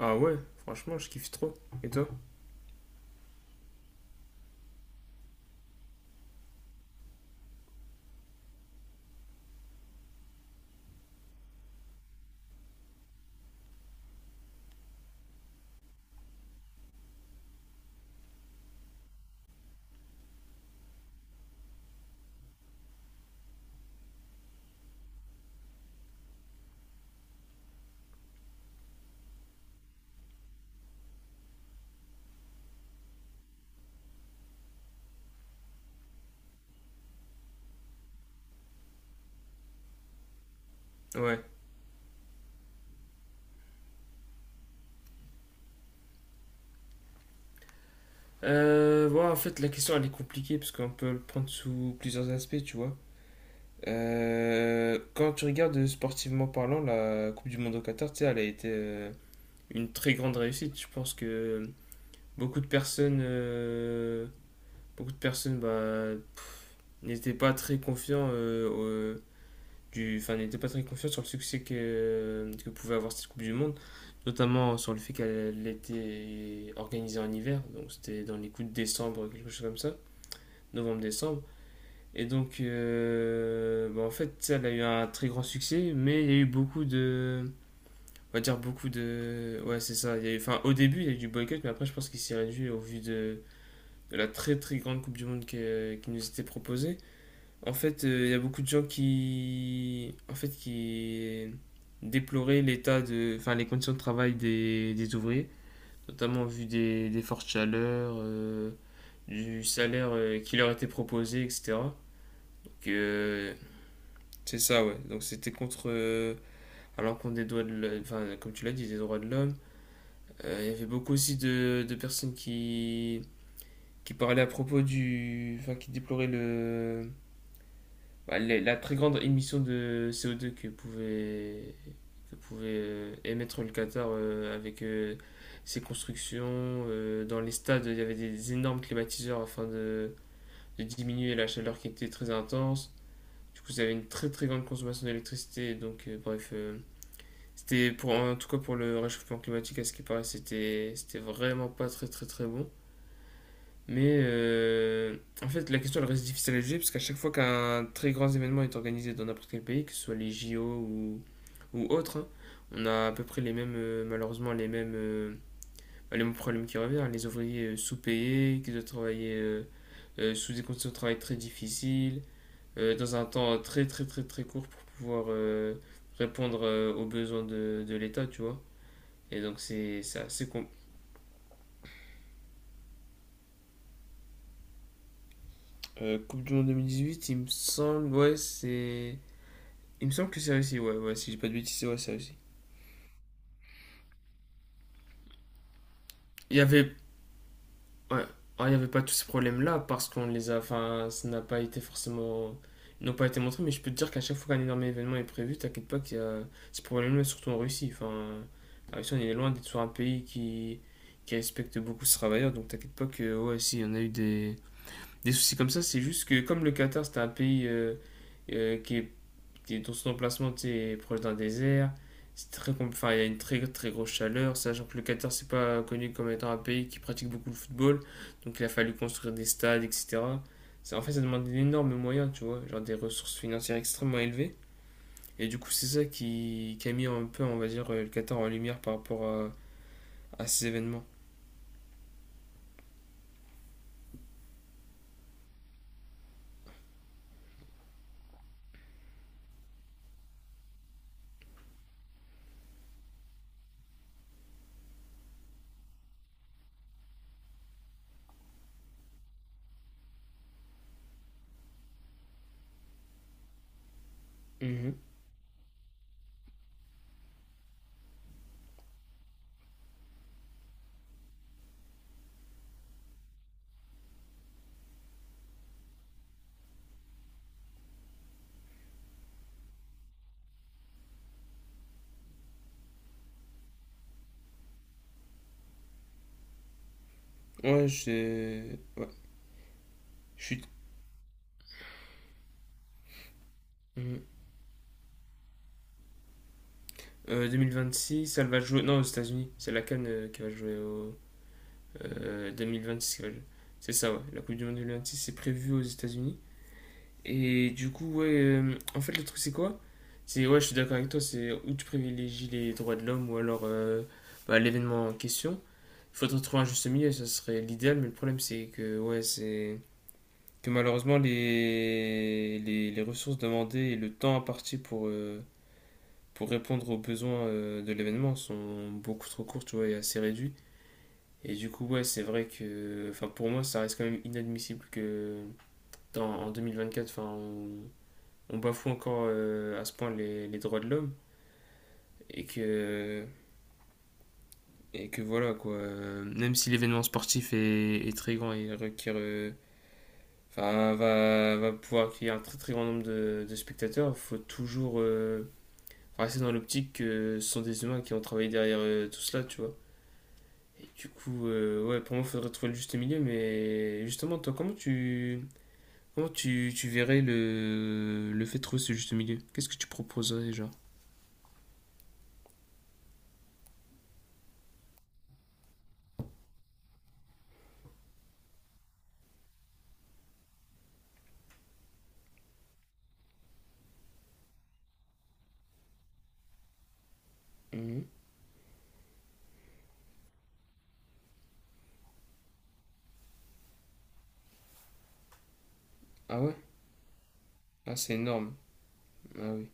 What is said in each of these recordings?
Ah ouais, franchement, je kiffe trop. Et toi? Ouais. Bon, en fait, la question, elle est compliquée parce qu'on peut le prendre sous plusieurs aspects, tu vois. Quand tu regardes sportivement parlant, la Coupe du Monde au Qatar, tu sais, elle a été une très grande réussite. Je pense que beaucoup de personnes, bah, n'étaient pas très confiants n'était pas très confiant sur le succès que pouvait avoir cette Coupe du Monde, notamment sur le fait qu'elle était organisée en hiver, donc c'était dans les coups de décembre, quelque chose comme ça, novembre-décembre. Et donc, bah, en fait, ça, elle a eu un très grand succès, mais il y a eu beaucoup de. On va dire beaucoup de. Ouais, c'est ça. Il y a eu, enfin, au début, il y a eu du boycott, mais après, je pense qu'il s'est réduit au vu de la très très grande Coupe du Monde qui nous était proposée. En fait, il y a beaucoup de gens qui déploraient l'état de, enfin, les conditions de travail des ouvriers, notamment en vue des fortes chaleurs, du salaire qui leur était proposé, etc. Donc, euh, c'est ça, ouais. Donc, c'était contre, à l'encontre des droits de, l'homme, enfin, comme tu l'as dit, des droits de l'homme. Il y avait beaucoup aussi de personnes qui parlaient à propos du, enfin, qui déploraient le, bah, la très grande émission de CO2 que pouvait émettre le Qatar avec ses constructions. Dans les stades, il y avait des énormes climatiseurs afin de diminuer la chaleur qui était très intense. Du coup, vous avez une très très grande consommation d'électricité. Donc, bref, c'était pour, en tout cas pour le réchauffement climatique, à ce qui paraît, c'était vraiment pas très très très bon. Mais en fait, la question elle reste difficile à juger parce qu'à chaque fois qu'un très grand événement est organisé dans n'importe quel pays, que ce soit les JO ou autres, hein, on a à peu près les mêmes, malheureusement, les mêmes problèmes qui reviennent, hein. Les ouvriers sous-payés, qui doivent travailler sous des conditions de travail très difficiles, dans un temps très très très très court pour pouvoir répondre aux besoins de l'État, tu vois. Et donc c'est assez Coupe du Monde 2018, il me semble, ouais, c'est, il me semble que c'est réussi, ouais, ouais, si j'ai pas de bêtises, ouais, c'est réussi. Il y avait, ouais, ah, il y avait pas tous ces problèmes-là parce qu'on les a, enfin, ça n'a pas été forcément, ils n'ont pas été montrés, mais je peux te dire qu'à chaque fois qu'un énorme événement est prévu, t'inquiète pas qu'il y a ces problèmes-là, surtout en Russie. Enfin, la Russie, on est loin d'être sur un pays qui respecte beaucoup ses travailleurs, donc t'inquiète pas que, ouais, si, on a eu des soucis comme ça, c'est juste que comme le Qatar, c'est un pays qui est t'es dans son emplacement, t'es proche d'un désert. Enfin, il y a une très très grosse chaleur, sachant que le Qatar c'est pas connu comme étant un pays qui pratique beaucoup le football, donc il a fallu construire des stades, etc. En fait, ça demande d'énormes moyens, tu vois, genre des ressources financières extrêmement élevées. Et du coup, c'est ça qui a mis un peu, on va dire, le Qatar en lumière par rapport à ces événements. Mhm. Ouais, je, ouais, je suis. Mhm. 2026, ça elle va jouer. Non, aux États-Unis. C'est la CAN qui va jouer 2026. Ouais, c'est ça, ouais. La Coupe du Monde 2026 est prévue aux États-Unis. Et du coup, ouais, en fait, le truc, c'est quoi? C'est, ouais, je suis d'accord avec toi, c'est où tu privilégies les droits de l'homme ou alors bah, l'événement en question. Il faudrait trouver un juste milieu, ça serait l'idéal, mais le problème, c'est que, ouais, c'est que malheureusement, les ressources demandées et le temps imparti pour répondre aux besoins de l'événement sont beaucoup trop courts, tu vois, et assez réduits. Et du coup, ouais, c'est vrai que enfin, pour moi, ça reste quand même inadmissible que dans, en quatre enfin, on bafoue encore à ce point les droits de l'homme. Et que, et que voilà, quoi. Même si l'événement sportif est très grand et requiert, enfin, va pouvoir accueillir un très très grand nombre de spectateurs, il faut toujours rester dans l'optique que ce sont des humains qui ont travaillé derrière tout cela, tu vois. Du coup, ouais, pour moi, il faudrait trouver le juste milieu, mais justement, toi, comment tu verrais le fait de trouver ce juste milieu? Qu'est-ce que tu proposerais, genre? Mhm. Ah ouais? Ah, c'est énorme. Ah oui.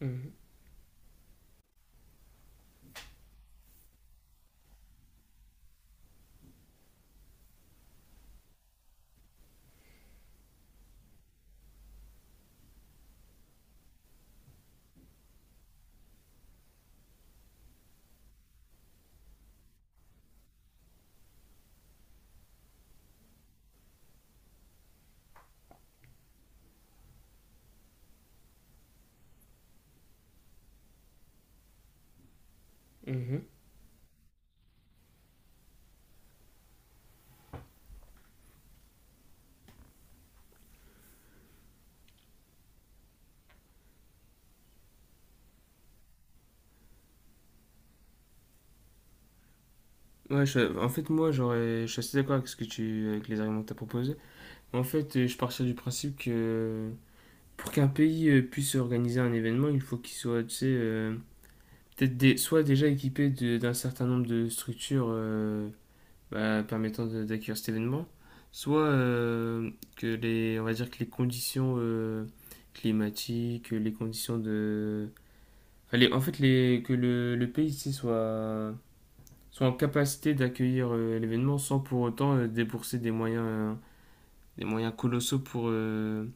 Mhm. Mhm. En fait, je suis assez d'accord avec ce que tu, avec les arguments que tu as proposés. En fait, je partirais du principe que pour qu'un pays puisse organiser un événement, il faut qu'il soit, tu sais, peut-être soit déjà équipé d'un certain nombre de structures, bah, permettant d'accueillir cet événement, soit que les, on va dire que les conditions climatiques, les conditions de, enfin, en fait les, que le pays ici soit, soit en capacité d'accueillir l'événement sans pour autant débourser des moyens colossaux pour,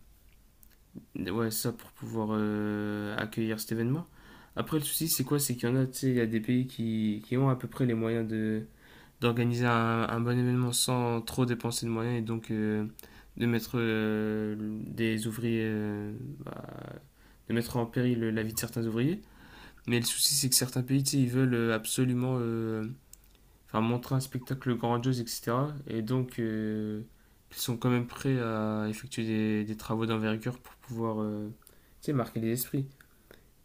ouais, ça pour pouvoir accueillir cet événement. Après, le souci, c'est quoi? C'est qu'il y en a, tu sais, il y a des pays qui ont à peu près les moyens d'organiser un bon événement sans trop dépenser de moyens et donc de mettre des ouvriers, euh, bah, de mettre en péril la vie de certains ouvriers. Mais le souci, c'est que certains pays, tu sais, ils veulent absolument enfin, montrer un spectacle grandiose, etc. Et donc, ils sont quand même prêts à effectuer des travaux d'envergure pour pouvoir, tu sais, marquer les esprits.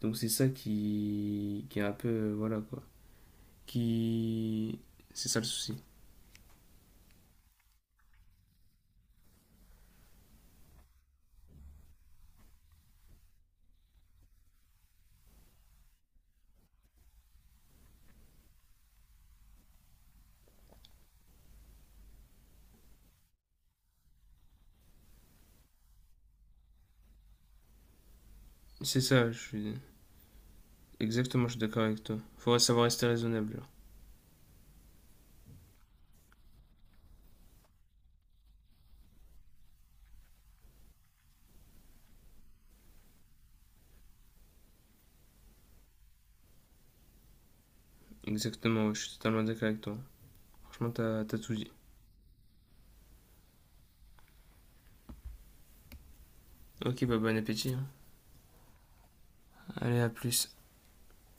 Donc, c'est ça qui est un peu, voilà, quoi. Qui... C'est ça le souci. C'est ça, je suis... Exactement, je suis d'accord avec toi. Faudrait savoir rester raisonnable là. Exactement, ouais, je suis totalement d'accord avec toi. Franchement, t'as tout dit. Ok, bah bon appétit, hein. Allez, à plus.